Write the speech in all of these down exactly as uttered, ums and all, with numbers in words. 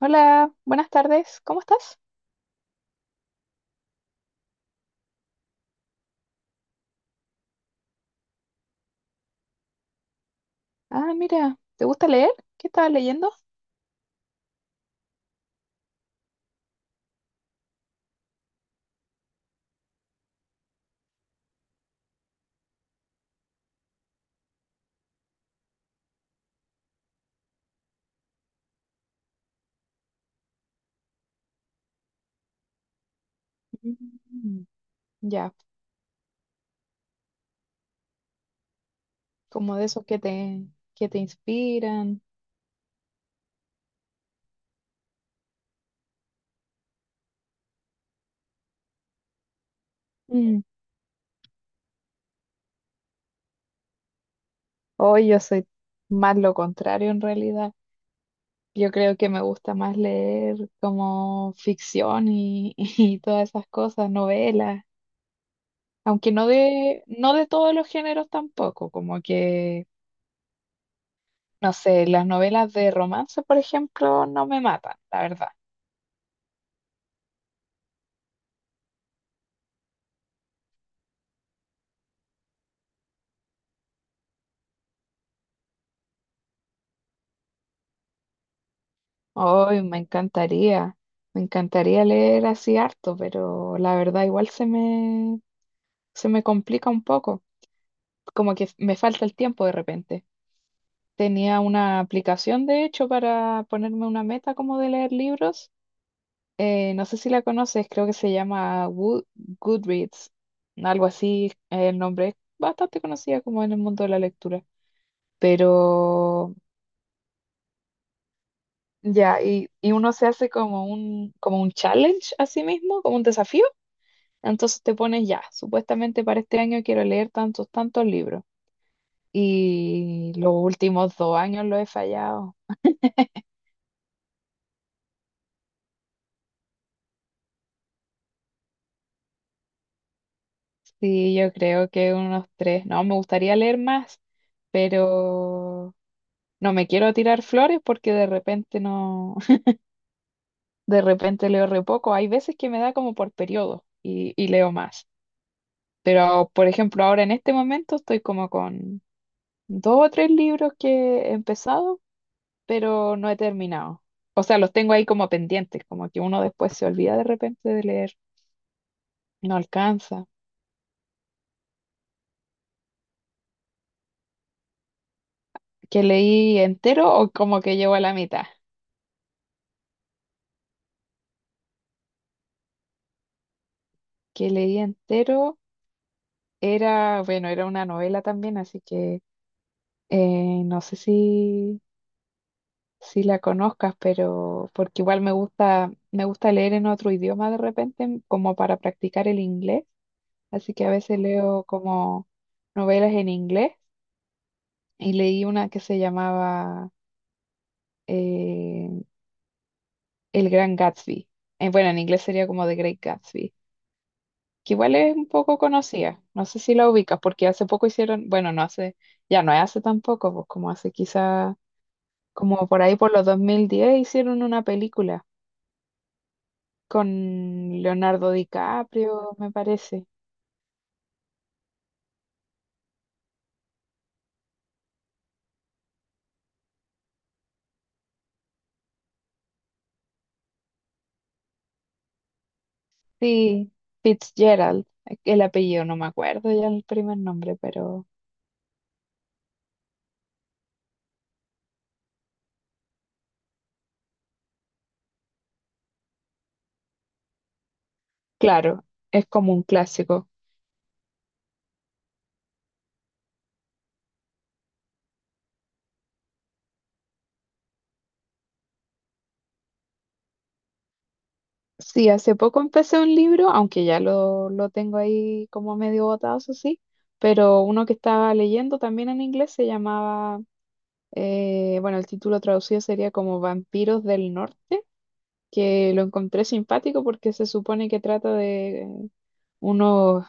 Hola, buenas tardes, ¿cómo estás? Ah, mira, ¿te gusta leer? ¿Qué estabas leyendo? Mm, ya, como de esos que te, que te inspiran. Mm, hoy yo soy más lo contrario en realidad. Yo creo que me gusta más leer como ficción y, y todas esas cosas, novelas, aunque no de, no de todos los géneros tampoco, como que, no sé, las novelas de romance, por ejemplo, no me matan, la verdad. Hoy me encantaría, me encantaría leer así harto, pero la verdad igual se me, se me complica un poco, como que me falta el tiempo de repente. Tenía una aplicación, de hecho, para ponerme una meta como de leer libros. Eh, no sé si la conoces, creo que se llama Wo- Goodreads, algo así, eh, el nombre es bastante conocida como en el mundo de la lectura, pero ya, y, y uno se hace como un, como un challenge a sí mismo, como un desafío. Entonces te pones ya, supuestamente para este año quiero leer tantos, tantos libros. Y los últimos dos años lo he fallado. Sí, yo creo que unos tres. No, me gustaría leer más, pero no me quiero tirar flores porque de repente no, de repente leo re poco. Hay veces que me da como por periodo y, y leo más. Pero, por ejemplo, ahora en este momento estoy como con dos o tres libros que he empezado pero no he terminado. O sea, los tengo ahí como pendientes, como que uno después se olvida de repente de leer, no alcanza. Que leí entero o como que llevo a la mitad. Que leí entero era, bueno, era una novela también, así que eh, no sé si, si la conozcas, pero porque igual me gusta, me gusta leer en otro idioma de repente, como para practicar el inglés. Así que a veces leo como novelas en inglés y leí una que se llamaba eh, El Gran Gatsby. Eh, bueno, en inglés sería como The Great Gatsby, que igual es un poco conocida. No sé si la ubicas, porque hace poco hicieron, bueno, no hace, ya no es hace tampoco, pues como hace quizá, como por ahí por los dos mil diez hicieron una película con Leonardo DiCaprio, me parece. Sí, Fitzgerald, el apellido, no me acuerdo ya el primer nombre, pero claro, es como un clásico. Sí, hace poco empecé un libro, aunque ya lo, lo tengo ahí como medio botado, eso sí, pero uno que estaba leyendo también en inglés se llamaba, eh, bueno, el título traducido sería como Vampiros del Norte, que lo encontré simpático porque se supone que trata de eh, unos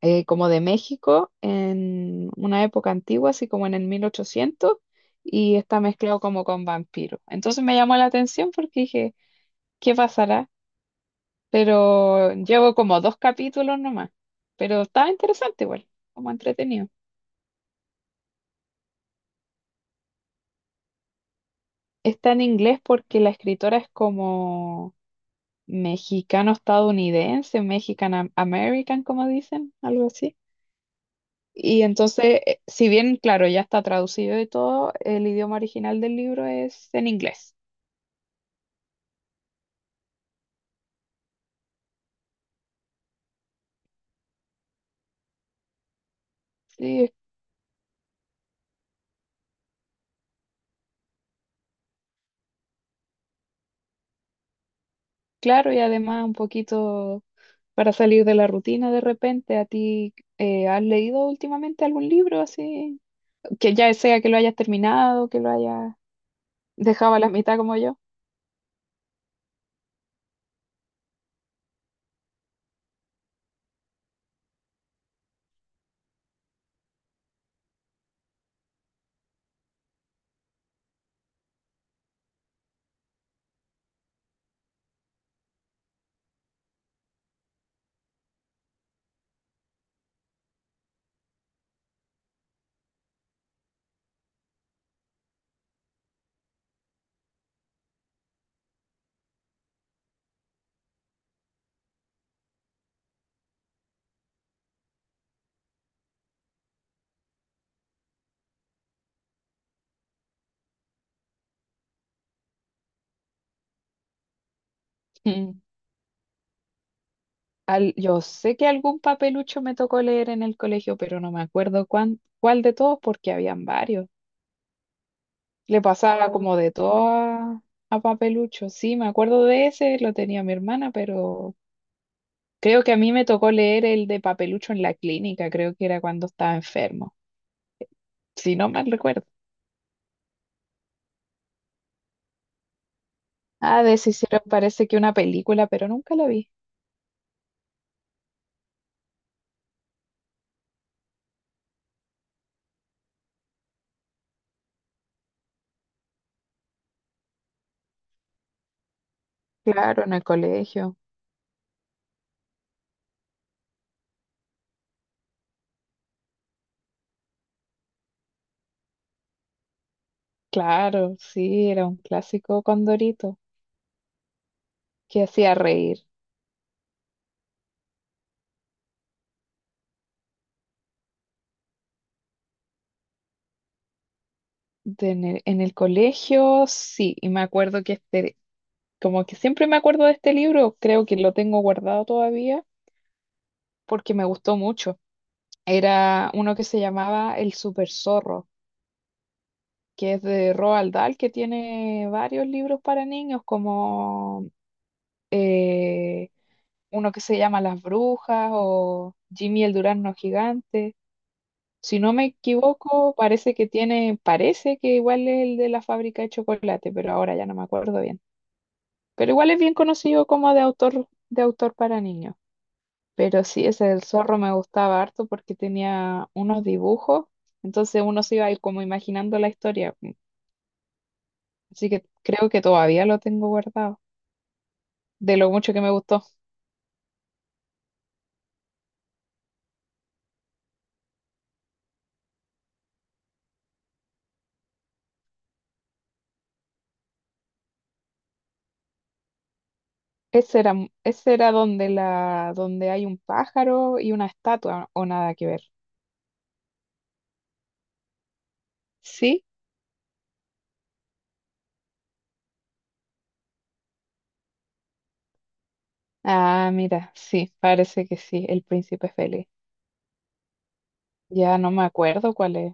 eh, como de México en una época antigua, así como en el mil ochocientos, y está mezclado como con vampiros. Entonces me llamó la atención porque dije, ¿qué pasará? Pero llevo como dos capítulos nomás, pero estaba interesante igual, como entretenido. Está en inglés porque la escritora es como mexicano-estadounidense, mexican-american, como dicen, algo así. Y entonces, eh, si bien, claro, ya está traducido y todo, el idioma original del libro es en inglés. Sí, es claro, y además un poquito para salir de la rutina de repente. ¿A ti eh, has leído últimamente algún libro así? Que ya sea que lo hayas terminado, que lo hayas dejado a la mitad como yo. Mm. Al- yo sé que algún papelucho me tocó leer en el colegio, pero no me acuerdo cuán- cuál de todos porque habían varios. Le pasaba oh, como de todo a, a papelucho. Sí, me acuerdo de ese, lo tenía mi hermana, pero creo que a mí me tocó leer el de papelucho en la clínica, creo que era cuando estaba enfermo, si no mal recuerdo. Ah, de ese hicieron parece que una película, pero nunca la vi. Claro, en el colegio. Claro, sí, era un clásico Condorito que hacía reír. De en el, en el colegio, sí, y me acuerdo que este, como que siempre me acuerdo de este libro, creo que lo tengo guardado todavía porque me gustó mucho. Era uno que se llamaba El Super Zorro, que es de Roald Dahl, que tiene varios libros para niños, como eh, uno que se llama Las Brujas o Jimmy el Durazno Gigante. Si no me equivoco, parece que tiene, parece que igual es el de la fábrica de chocolate, pero ahora ya no me acuerdo bien. Pero igual es bien conocido como de autor, de autor para niños. Pero sí, ese del zorro me gustaba harto porque tenía unos dibujos, entonces uno se iba ahí como imaginando la historia. Así que creo que todavía lo tengo guardado, de lo mucho que me gustó. Ese era, m- ese era donde la, donde hay un pájaro y una estatua, o nada que ver. Sí. Ah, mira, sí, parece que sí, El Príncipe Feliz. Ya no me acuerdo cuál es.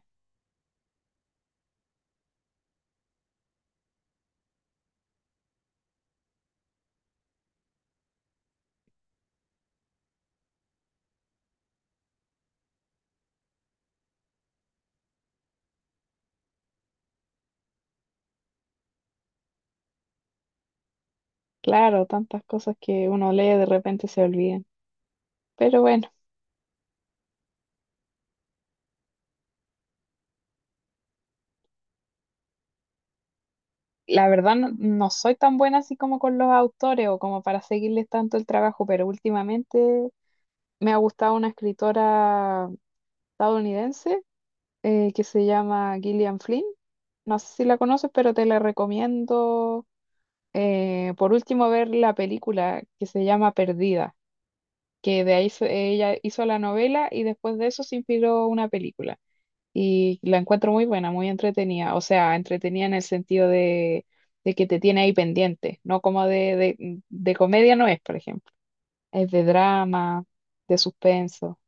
Claro, tantas cosas que uno lee de repente se olvidan. Pero bueno, la verdad no, no soy tan buena así como con los autores o como para seguirles tanto el trabajo, pero últimamente me ha gustado una escritora estadounidense eh, que se llama Gillian Flynn. No sé si la conoces, pero te la recomiendo, eh, por último ver la película que se llama Perdida. Que de ahí se- ella hizo la novela y después de eso se inspiró una película. Y la encuentro muy buena, muy entretenida. O sea, entretenida en el sentido de, de que te tiene ahí pendiente, no como de, de, mm, de comedia no es, por ejemplo. Es de drama, de suspenso.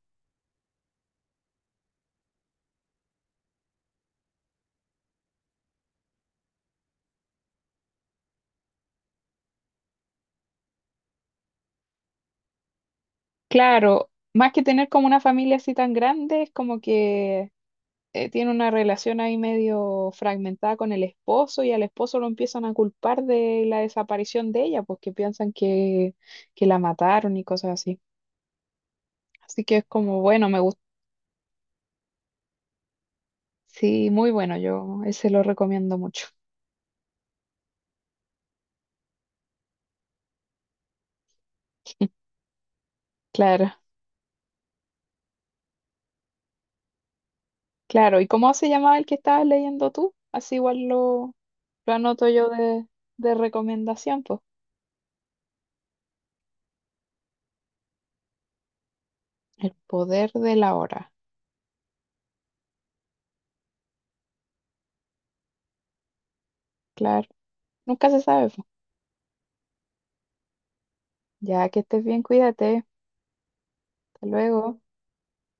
Claro, más que tener como una familia así tan grande, es como que eh, tiene una relación ahí medio fragmentada con el esposo y al esposo lo empiezan a culpar de la desaparición de ella, porque piensan que, que la mataron y cosas así. Así que es como, bueno, me gusta. Sí, muy bueno, yo ese lo recomiendo mucho. Claro, claro. ¿Y cómo se llamaba el que estabas leyendo tú? Así igual lo, lo, anoto yo de, de recomendación, pues. El poder de la hora. Claro, nunca se sabe, po. Ya que estés bien, cuídate. Hasta luego.